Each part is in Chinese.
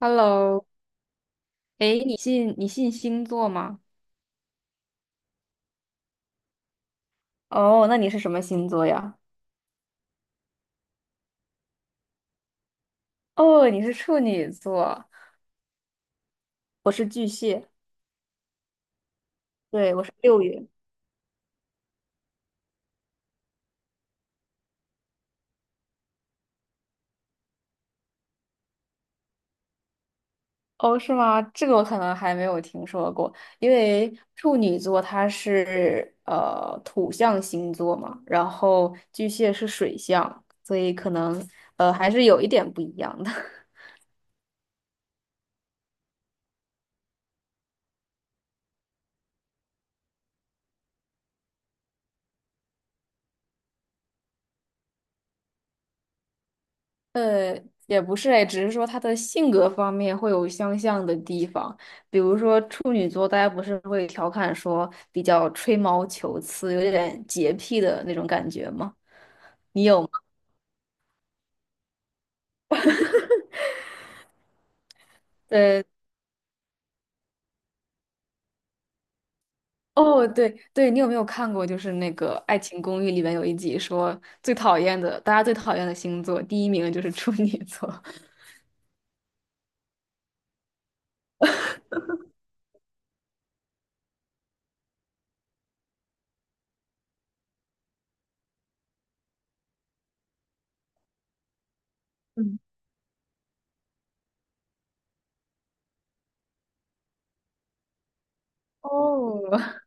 Hello，哎，你信星座吗？哦，那你是什么星座呀？哦，你是处女座，我是巨蟹，对，我是六月。哦，是吗？这个我可能还没有听说过，因为处女座它是土象星座嘛，然后巨蟹是水象，所以可能还是有一点不一样的。呃，也不是哎，只是说他的性格方面会有相像的地方，比如说处女座，大家不是会调侃说比较吹毛求疵，有点洁癖的那种感觉吗？你有吗？呃，哦，对对，你有没有看过就是那个《爱情公寓》里面有一集说最讨厌的，大家最讨厌的星座，第一名就是处女座。嗯，哦，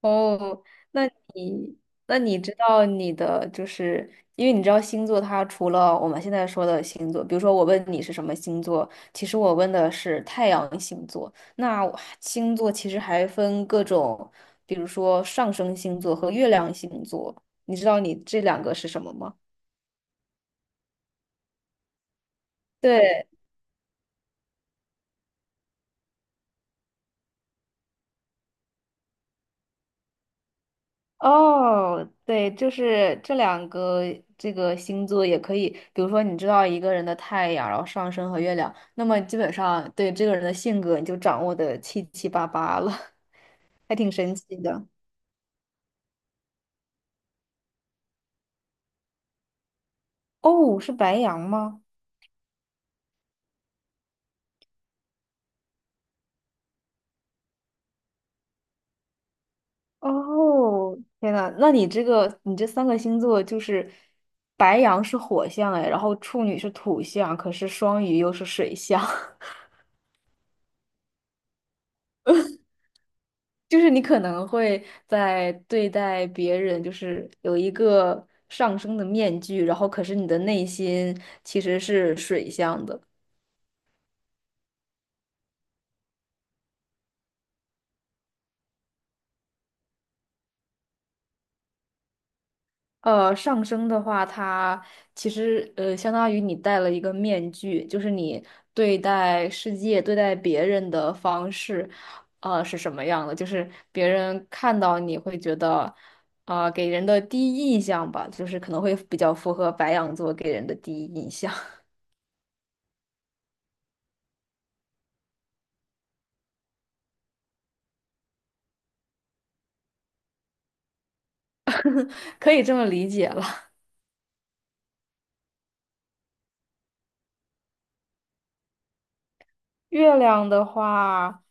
哦，那你那你知道你的就是，因为你知道星座，它除了我们现在说的星座，比如说我问你是什么星座，其实我问的是太阳星座。那我星座其实还分各种，比如说上升星座和月亮星座。你知道你这两个是什么吗？对，哦，对，就是这两个这个星座也可以，比如说你知道一个人的太阳，然后上升和月亮，那么基本上对这个人的性格你就掌握的七七八八了，还挺神奇的。哦，是白羊吗？哦，天呐，那你这个你这三个星座就是白羊是火象哎，然后处女是土象，可是双鱼又是水象。就是你可能会在对待别人，就是有一个上升的面具，然后可是你的内心其实是水象的。呃，上升的话，它其实相当于你戴了一个面具，就是你对待世界、对待别人的方式，呃是什么样的？就是别人看到你会觉得，啊、给人的第一印象吧，就是可能会比较符合白羊座给人的第一印象。可以这么理解了。月亮的话，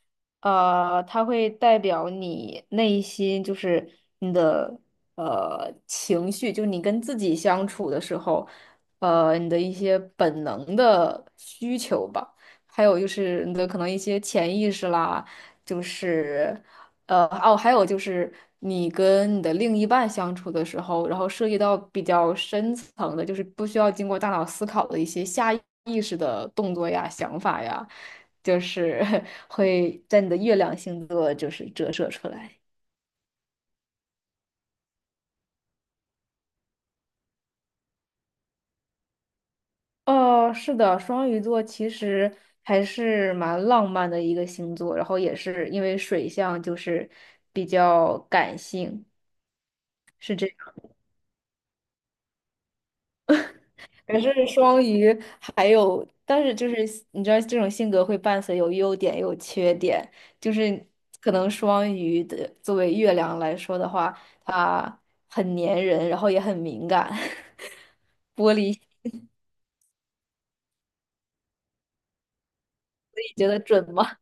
呃，它会代表你内心，就是你的情绪，就你跟自己相处的时候，呃，你的一些本能的需求吧，还有就是你的可能一些潜意识啦，就是。呃，哦，还有就是你跟你的另一半相处的时候，然后涉及到比较深层的，就是不需要经过大脑思考的一些下意识的动作呀、想法呀，就是 会在你的月亮星座就是折射出来。哦，是的，双鱼座其实还是蛮浪漫的一个星座，然后也是因为水象就是比较感性。是这。可是双鱼还有，但是就是你知道，这种性格会伴随有优点也有缺点，就是可能双鱼的作为月亮来说的话，它很粘人，然后也很敏感，你觉得准吗？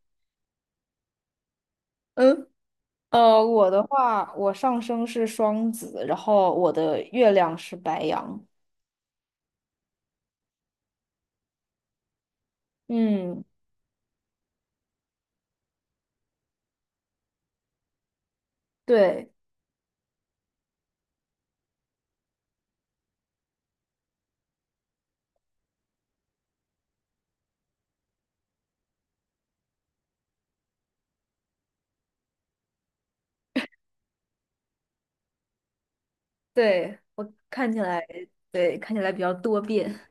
嗯，呃，我的话，我上升是双子，然后我的月亮是白羊。嗯，对对，我看起来对看起来比较多变。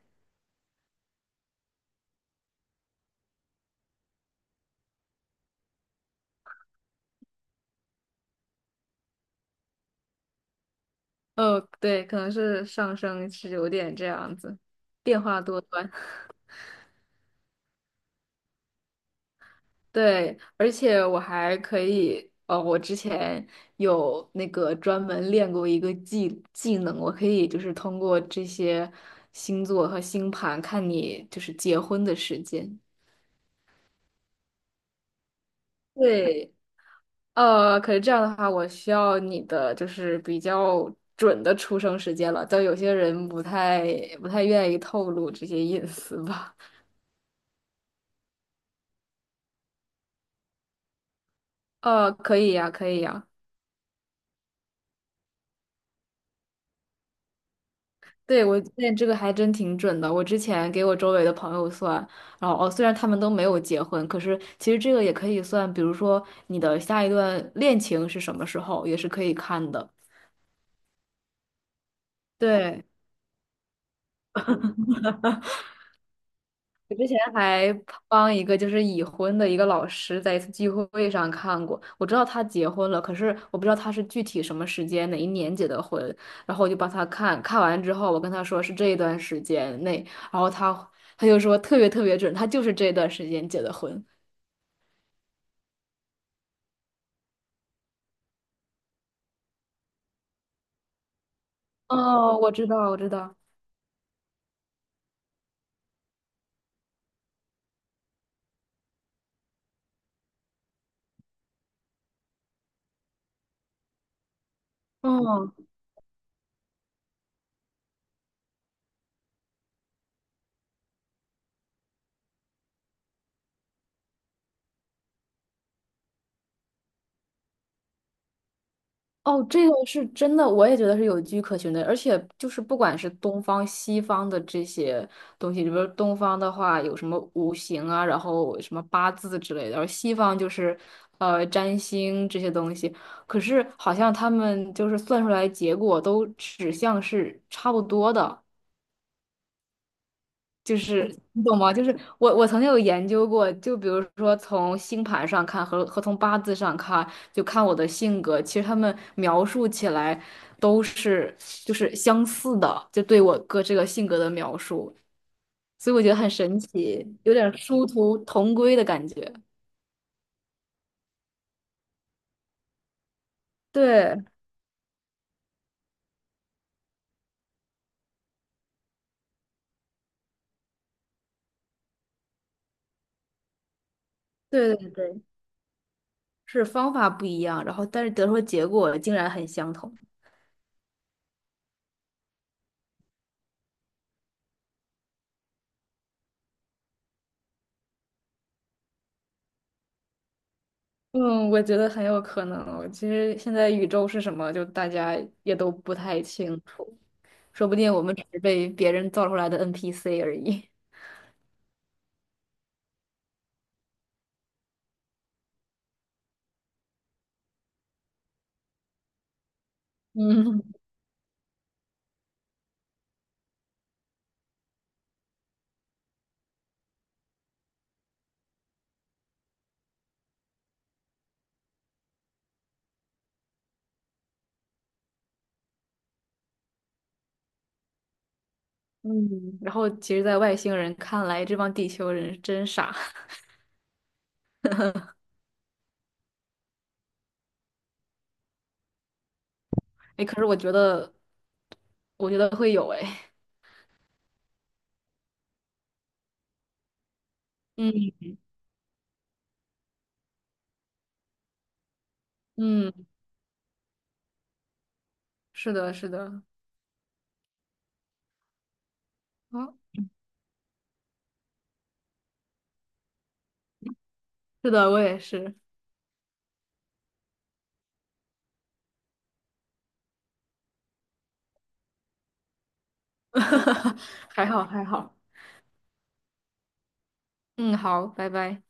哦，对，可能是上升是有点这样子，变化多端。对，而且我还可以，呃，我之前有那个专门练过一个技能，我可以就是通过这些星座和星盘看你就是结婚的时间。对，呃，可是这样的话，我需要你的就是比较准的出生时间了，但有些人不太愿意透露这些隐私吧。呃，可以呀，可以呀。对，我发现这个还真挺准的。我之前给我周围的朋友算，然后哦，虽然他们都没有结婚，可是其实这个也可以算，比如说你的下一段恋情是什么时候，也是可以看的。对，我之前还帮一个就是已婚的一个老师在一次聚会上看过，我知道他结婚了，可是我不知道他是具体什么时间哪一年结的婚，然后我就帮他看，看完之后我跟他说是这一段时间内，然后他就说特别特别准，他就是这段时间结的婚。哦，我知道，我知道。嗯，哦，这个是真的，我也觉得是有据可循的，而且就是不管是东方、西方的这些东西，比如说东方的话有什么五行啊，然后什么八字之类的，而西方就是占星这些东西，可是好像他们就是算出来结果都指向是差不多的。就是你懂吗？就是我曾经有研究过，就比如说从星盘上看和从八字上看，就看我的性格，其实他们描述起来都是就是相似的，就对我哥这个性格的描述，所以我觉得很神奇，有点殊途同归的感觉。对对，是方法不一样，然后但是得出的结果竟然很相同。嗯，我觉得很有可能。其实现在宇宙是什么，就大家也都不太清楚。说不定我们只是被别人造出来的 NPC 而已。嗯嗯，然后其实，在外星人看来，这帮地球人真傻。哎，可是我觉得，我觉得会有哎。嗯嗯，是的，是的，啊，是的，我也是。还好，还好。嗯，好，拜拜。